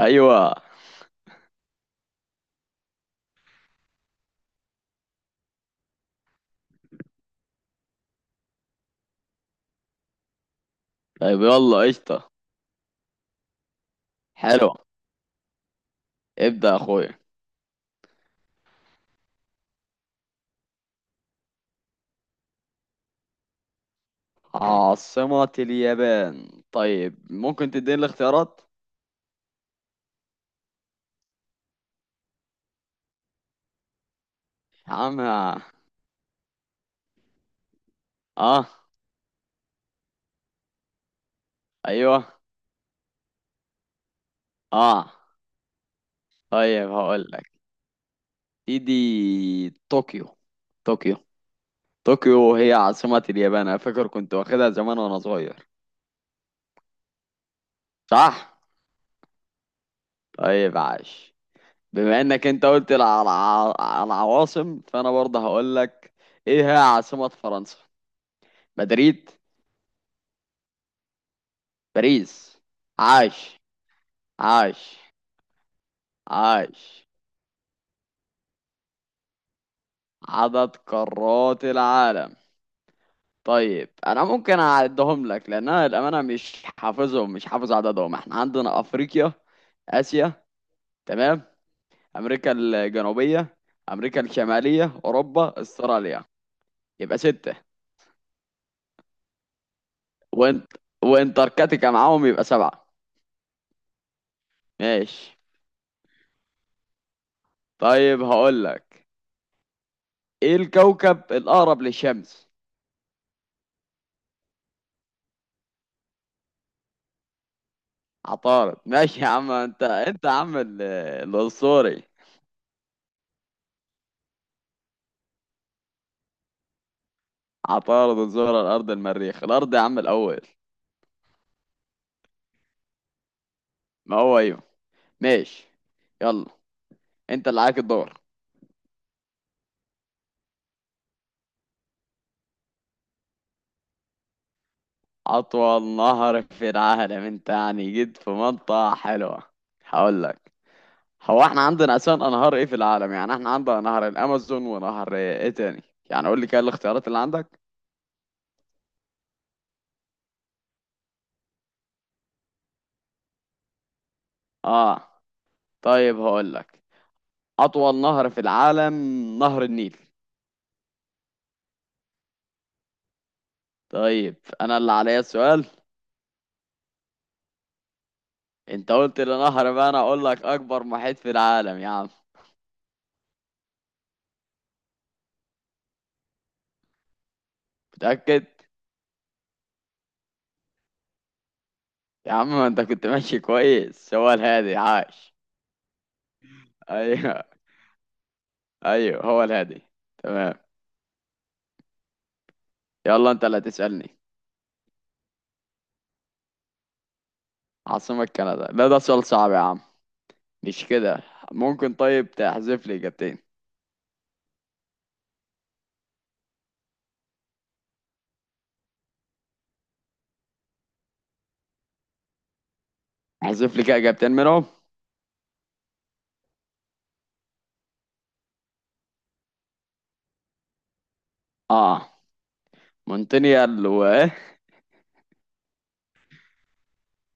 ايوه. طيب، يلا قشطة. حلو. ابدأ يا اخويا. عاصمة اليابان؟ طيب، ممكن تديني الاختيارات؟ يا عم. اه. ايوه. اه. طيب هقول لك. دي. طوكيو. طوكيو. طوكيو هي عاصمة اليابان، انا فاكر كنت واخدها زمان وانا صغير. صح. طيب عاش. بما انك انت قلت العواصم، فانا برضه هقول لك، ايه هي عاصمة فرنسا؟ مدريد. باريس. عاش. عاش. عاش. عدد قارات العالم. طيب انا ممكن اعدهم لك، لان انا الامانه مش حافظهم، مش حافظ عددهم. احنا عندنا افريقيا، اسيا، تمام، امريكا الجنوبيه، امريكا الشماليه، اوروبا، استراليا، يبقى ستة. وانت. وانتاركتيكا معاهم يبقى سبعة. ماشي. طيب هقول لك، ايه الكوكب الاقرب للشمس؟ عطارد، ماشي يا عم. انت يا عم الاسطوري. عطارد، الزهرة، الأرض، المريخ. الأرض يا عم الأول. ما هو أيوه. ماشي. يلا، أنت اللي عليك الدور. أطول نهر في العالم؟ أنت يعني جيت في منطقة حلوة. هقول لك، هو احنا عندنا أساسا أنهار إيه في العالم؟ يعني احنا عندنا نهر الأمازون، ونهر إيه تاني؟ يعني قول لي كده الاختيارات اللي عندك. آه. طيب هقول لك، أطول نهر في العالم نهر النيل. طيب، أنا اللي عليا السؤال. أنت قلت لي نهر، بقى أنا أقول لك، أكبر محيط في العالم يا عم. متأكد؟ يا عم ما انت كنت ماشي كويس، هو الهادي. عاش. ايوه، ايوه هو الهادي. تمام. يلا انت اللي هتسألني. عاصمة كندا؟ لا، ده سؤال صعب يا عم. مش كده. ممكن طيب تحذف لي اجابتين؟ احذف لي كده اجابتين منهم. اه. مونتريال و.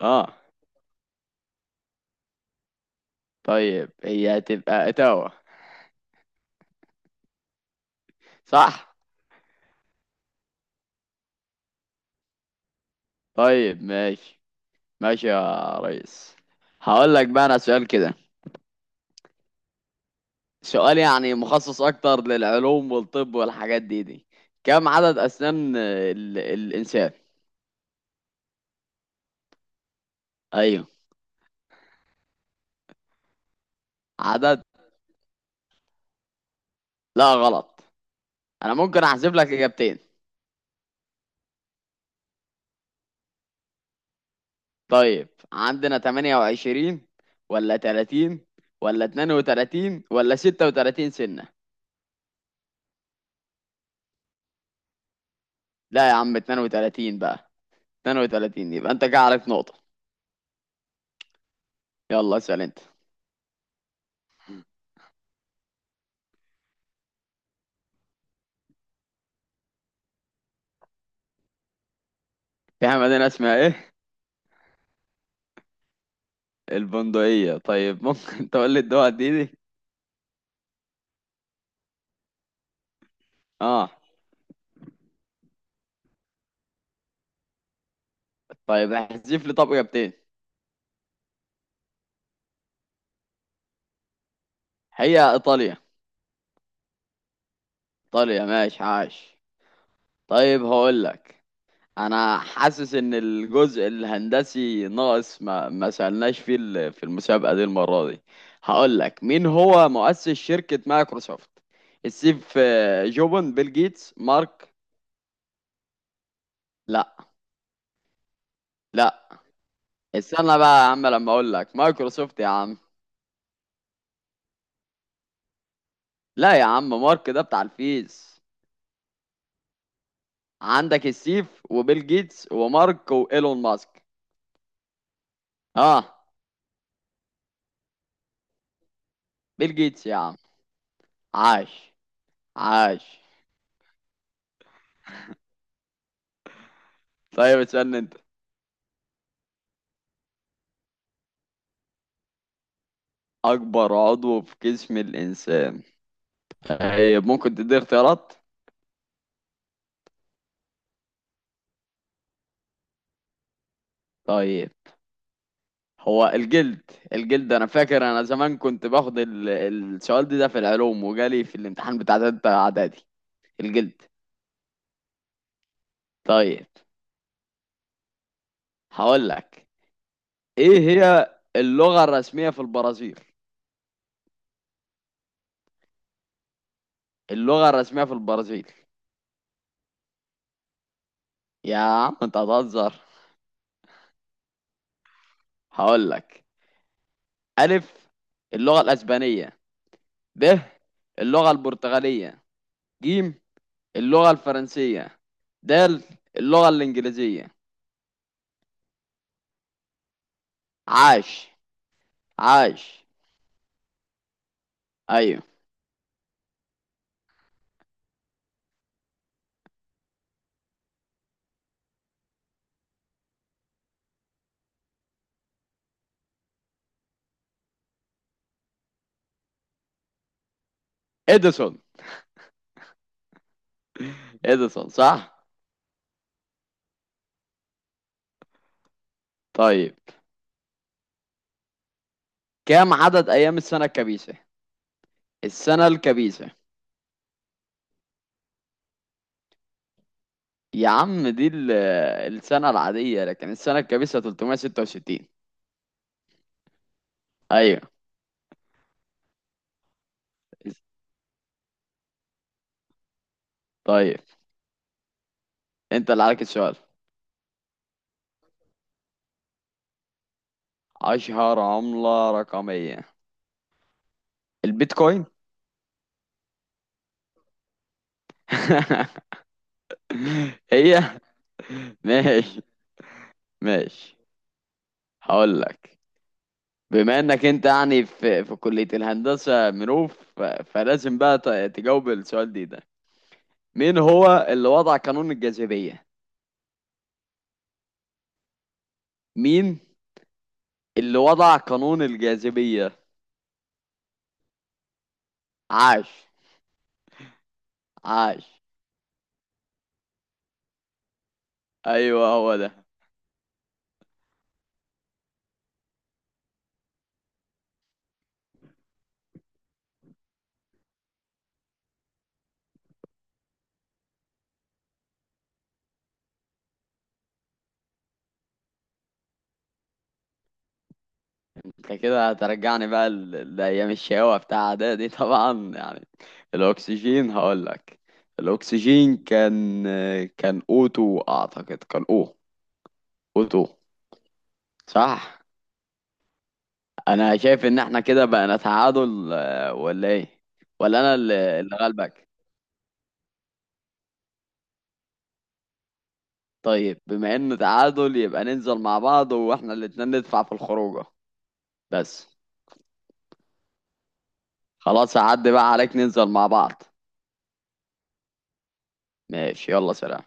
اه. طيب هي هتبقى اتاوا. صح. طيب ماشي. ماشي يا ريس. هقول لك بقى انا سؤال كده. سؤال يعني مخصص اكتر للعلوم والطب والحاجات دي. كم عدد اسنان الانسان؟ ايوه. عدد. لا غلط. انا ممكن احذف لك اجابتين. طيب عندنا 28 ولا 30 ولا 32 ولا 36 سنة؟ لا يا عم 32 بقى. 32 يبقى انت كده عليك نقطة. يلا اسأل انت. في مدينة اسمها ايه؟ البندقية. طيب ممكن تقول لي الدول دي؟ اه. طيب احذف لي طب اجابتين. هي ايطاليا. ايطاليا ماشي. عاش. طيب هقول لك. انا حاسس ان الجزء الهندسي ناقص، ما سألناش فيه في المسابقة دي المرة دي. هقول لك، مين هو مؤسس شركة مايكروسوفت؟ ستيف، جوبن، بيل جيتس، مارك. لا. لا، استنى بقى يا عم لما اقول لك، مايكروسوفت يا عم. لا يا عم، مارك ده بتاع الفيس. عندك ستيف وبيل جيتس ومارك وايلون ماسك. اه، بيل جيتس يا عم. عاش. عاش. طيب اسألني انت. اكبر عضو في جسم الانسان. طيب ممكن تدي اختيارات؟ طيب هو الجلد. الجلد، انا فاكر انا زمان كنت باخد السؤال ده, ده في العلوم وجالي في الامتحان بتاع تالتة اعدادي. الجلد. طيب هقول لك، ايه هي اللغة الرسمية في البرازيل؟ اللغة الرسمية في البرازيل. يا عم انت هتهزر. هقول لك. الف، اللغة الاسبانية. ب، اللغة البرتغالية. ج، اللغة الفرنسية. دال، اللغة الإنجليزية. عاش. عاش. أيوه. إديسون. إديسون صح. طيب، كم عدد أيام السنة الكبيسة؟ السنة الكبيسة، يا عم دي السنة العادية، لكن السنة الكبيسة 366. أيوه. طيب أنت اللي عليك السؤال. أشهر عملة رقمية. البيتكوين. هي. ماشي. ماشي. هقول لك، بما انك انت يعني في كلية الهندسة منوف، فلازم بقى تجاوب السؤال ده. مين هو اللي وضع قانون الجاذبية؟ مين اللي وضع قانون الجاذبية؟ عاش. عاش. ايوه هو ده. انت كده هترجعني بقى لايام الشقاوة بتاع اعدادي طبعا يعني. الاكسجين. هقول لك، الاكسجين كان، كان اوتو اعتقد. كان او. اوتو. صح. انا شايف ان احنا كده بقى نتعادل، ولا ايه؟ ولا انا اللي غلبك؟ طيب بما انه تعادل يبقى ننزل مع بعض واحنا الاتنين ندفع في الخروجه بس. خلاص هعدي بقى عليك، ننزل مع بعض. ماشي يلا، سلام.